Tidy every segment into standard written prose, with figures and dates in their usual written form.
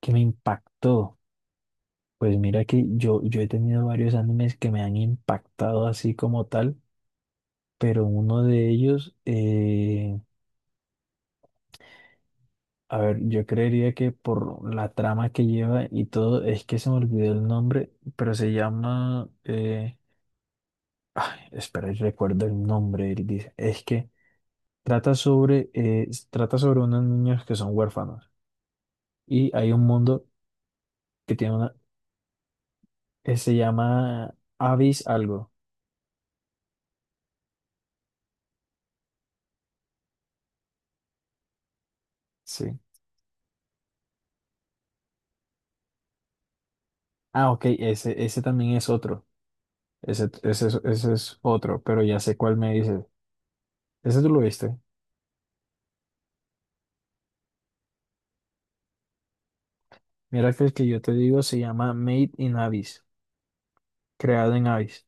Que me impactó. Pues mira que yo he tenido varios animes que me han impactado así como tal, pero uno de ellos, a ver, yo creería que por la trama que lleva y todo, es que se me olvidó el nombre, pero se llama, ay, espera, yo recuerdo el nombre, él dice, es que trata sobre unos niños que son huérfanos y hay un mundo que tiene una, que se llama Abyss algo. Sí. Ah, ok, ese también es otro. Ese es otro, pero ya sé cuál me dices. Ese tú lo viste. Mira que el que yo te digo se llama Made in Abyss, creado en Abyss.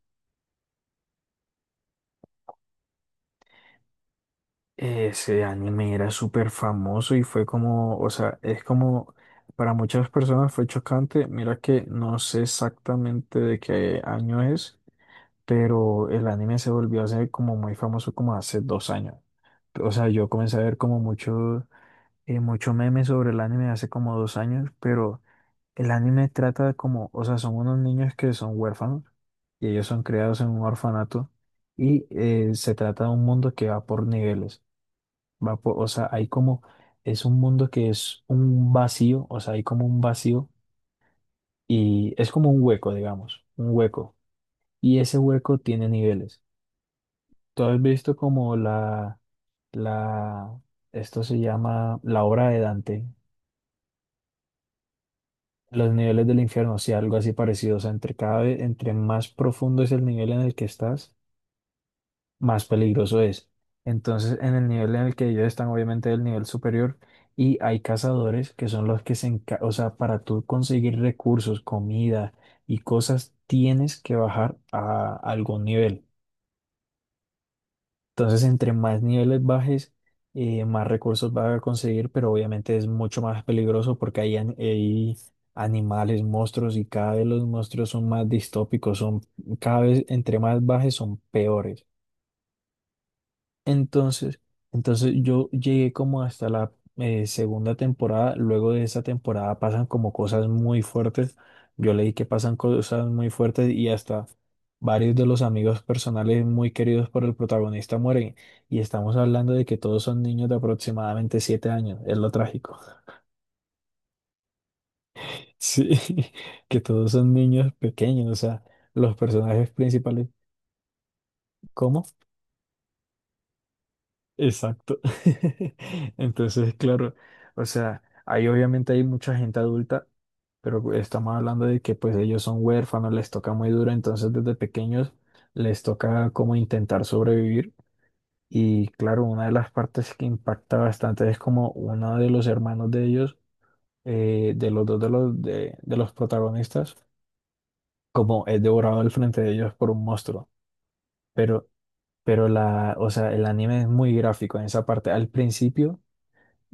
Ese anime era súper famoso y fue como, o sea, es como, para muchas personas fue chocante. Mira que no sé exactamente de qué año es, pero el anime se volvió a ser como muy famoso como hace 2 años. O sea, yo comencé a ver como mucho. Mucho meme sobre el anime hace como 2 años, pero el anime trata de como, o sea, son unos niños que son huérfanos y ellos son criados en un orfanato y se trata de un mundo que va por niveles, va por, o sea, hay como, es un mundo que es un vacío, o sea, hay como un vacío y es como un hueco, digamos, un hueco y ese hueco tiene niveles. ¿Tú has visto como la, esto se llama la obra de Dante? Los niveles del infierno, sí, algo así parecido. O sea, entre cada vez, entre más profundo es el nivel en el que estás, más peligroso es. Entonces, en el nivel en el que ellos están, obviamente, el nivel superior, y hay cazadores que son los que se encargan, o sea, para tú conseguir recursos, comida y cosas, tienes que bajar a algún nivel. Entonces, entre más niveles bajes, más recursos va a conseguir, pero obviamente es mucho más peligroso porque hay, hay animales, monstruos y cada vez los monstruos son más distópicos, son cada vez entre más bajes son peores. Entonces, entonces yo llegué como hasta la segunda temporada. Luego de esa temporada pasan como cosas muy fuertes. Yo leí que pasan cosas muy fuertes y hasta varios de los amigos personales muy queridos por el protagonista mueren. Y estamos hablando de que todos son niños de aproximadamente 7 años. Es lo trágico. Sí, que todos son niños pequeños. O sea, los personajes principales. ¿Cómo? Exacto. Entonces, claro, o sea, ahí obviamente hay mucha gente adulta, pero pues, estamos hablando de que pues ellos son huérfanos, les toca muy duro, entonces desde pequeños les toca como intentar sobrevivir. Y claro, una de las partes que impacta bastante es como uno de los hermanos de ellos, de los dos de los protagonistas, como es devorado al frente de ellos por un monstruo. Pero, pero la, o sea, el anime es muy gráfico en esa parte. Al principio,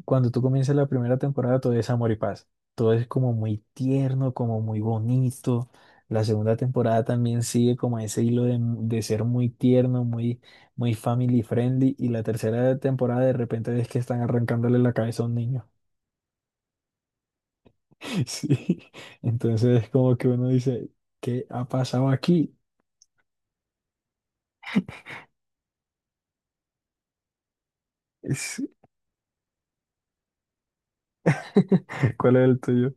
cuando tú comienzas la primera temporada, todo es amor y paz. Todo es como muy tierno, como muy bonito. La segunda temporada también sigue como ese hilo de ser muy tierno, muy, muy family friendly. Y la tercera temporada de repente es que están arrancándole la cabeza a un niño. Sí. Entonces es como que uno dice, ¿qué ha pasado aquí? Es- ¿Cuál es el tuyo?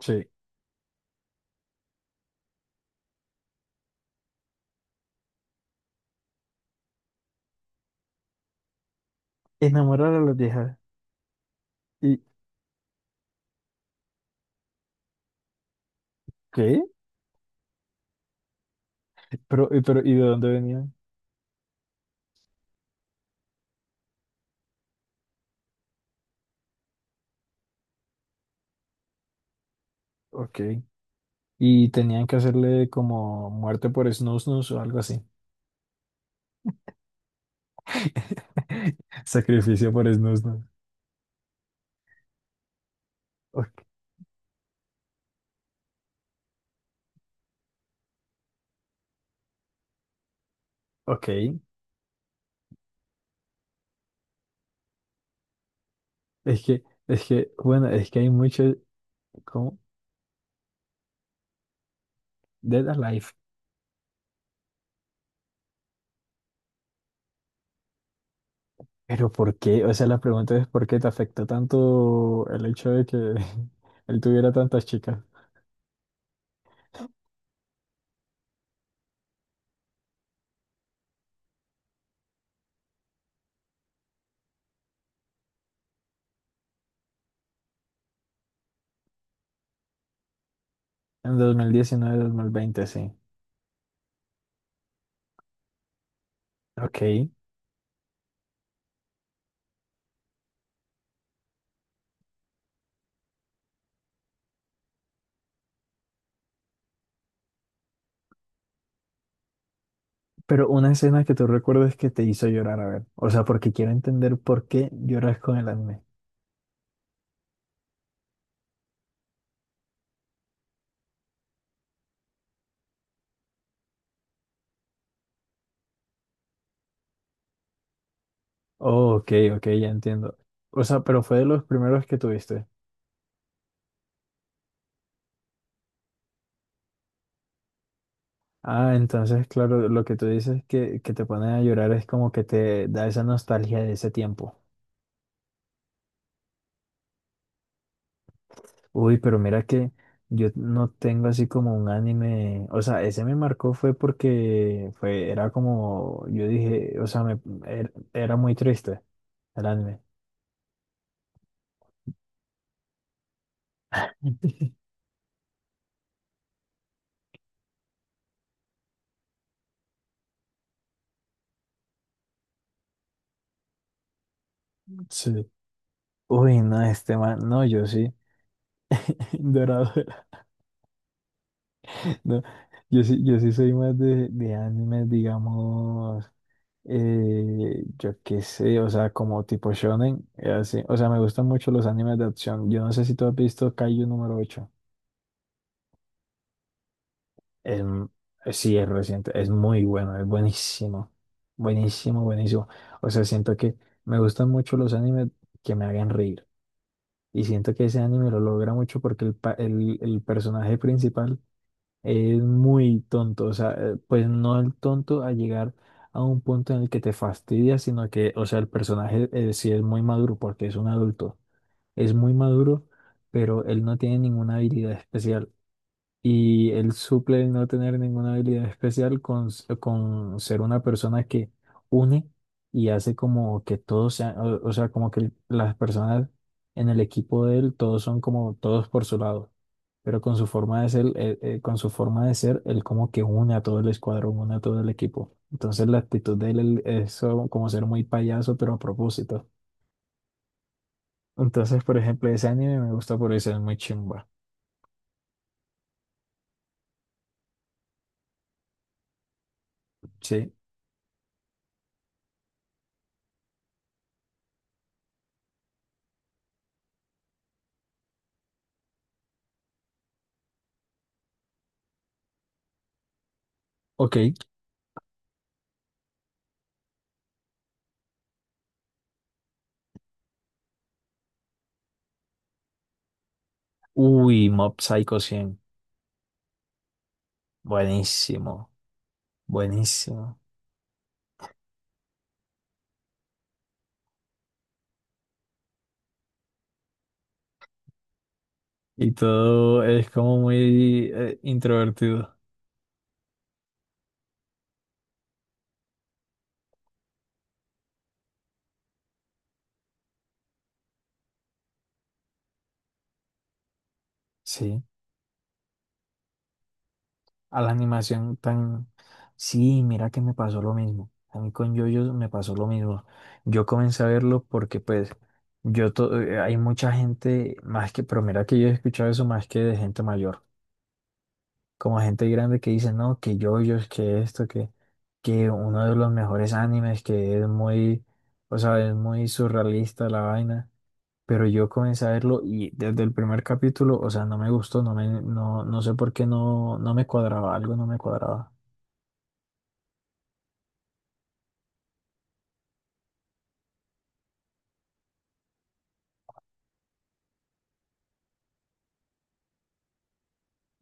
Sí. Enamorar a las viejas. ¿Y qué? Pero, pero, ¿y de dónde venían? Ok. Y tenían que hacerle como muerte por snusnus o algo así. Sacrificio por snusnus. Ok, ok. Bueno, es que hay mucho como Dead Alive. Pero ¿por qué? O sea, la pregunta es ¿por qué te afectó tanto el hecho de que él tuviera tantas chicas? En 2019, 2020, sí. Ok. Pero una escena que tú recuerdes que te hizo llorar, a ver. O sea, porque quiero entender por qué lloras con el anime. Oh, ok, ok, ya entiendo. O sea, pero fue de los primeros que tuviste. Ah, entonces, claro, lo que tú dices que te ponen a llorar es como que te da esa nostalgia de ese tiempo. Uy, pero mira que yo no tengo así como un anime. O sea, ese me marcó fue porque fue, era como, yo dije, o sea, me, era muy triste el anime. Sí. Uy, no, este man, no, yo sí, dorado. No, yo sí soy más de animes, digamos, yo qué sé, o sea, como tipo shonen, así. O sea, me gustan mucho los animes de acción. Yo no sé si tú has visto Kaiju número ocho. Es m- sí, es reciente, es muy bueno, es buenísimo, buenísimo, buenísimo. O sea, siento que me gustan mucho los animes que me hagan reír. Y siento que ese anime lo logra mucho porque el, el personaje principal es muy tonto, o sea, pues no el tonto a llegar a un punto en el que te fastidia, sino que, o sea, el personaje sí es muy maduro porque es un adulto, es muy maduro, pero él no tiene ninguna habilidad especial. Y él suple el no tener ninguna habilidad especial con, con ser una persona que une y hace como que todos sean, o sea, como que las personas en el equipo de él, todos son como todos por su lado. Pero con su forma de ser, con su forma de ser, él como que une a todo el escuadrón, une a todo el equipo. Entonces la actitud de él, como ser muy payaso, pero a propósito. Entonces, por ejemplo, ese anime me gusta por eso, es muy chimba. Sí. Ok. Uy, Mob Psycho cien. Buenísimo, buenísimo. Y todo es como muy introvertido. Sí, a la animación tan... Sí, mira que me pasó lo mismo. A mí con yoyos me pasó lo mismo. Yo comencé a verlo porque pues hay mucha gente más que, pero mira que yo he escuchado eso más que de gente mayor. Como gente grande que dice, no, que yoyos, que esto, que uno de los mejores animes, que es muy, o sea, es muy surrealista la vaina. Pero yo comencé a verlo y desde el primer capítulo, o sea, no me gustó, no sé por qué no me cuadraba, algo no me cuadraba.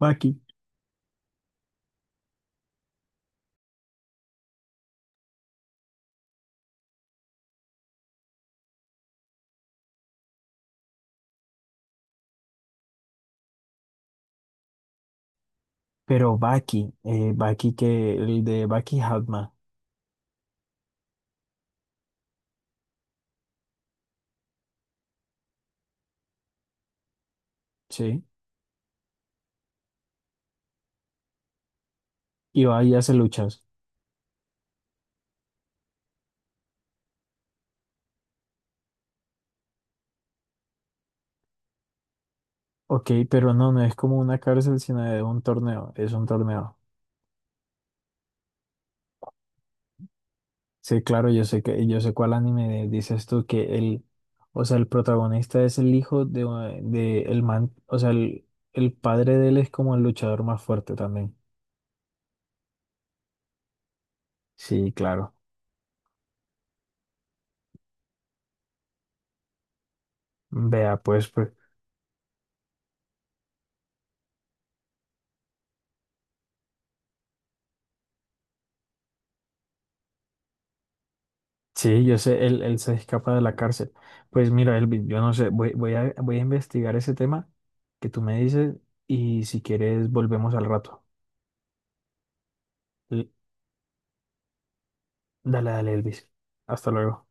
Baki, pero Baki, Baki que, el de Baki Hatma, ¿sí? Y va y hace luchas. Ok, pero no, no es como una cárcel, sino de un torneo, es un torneo. Sí, claro, yo sé que, yo sé cuál anime dices tú que el, o sea, el protagonista es el hijo de, de el man, o sea, el padre de él es como el luchador más fuerte también. Sí, claro. Vea, pues, pues, sí, yo sé, él se escapa de la cárcel. Pues mira, Elvin, yo no sé, voy a investigar ese tema que tú me dices y si quieres volvemos al rato. L- Dale, dale, Elvis. Hasta luego.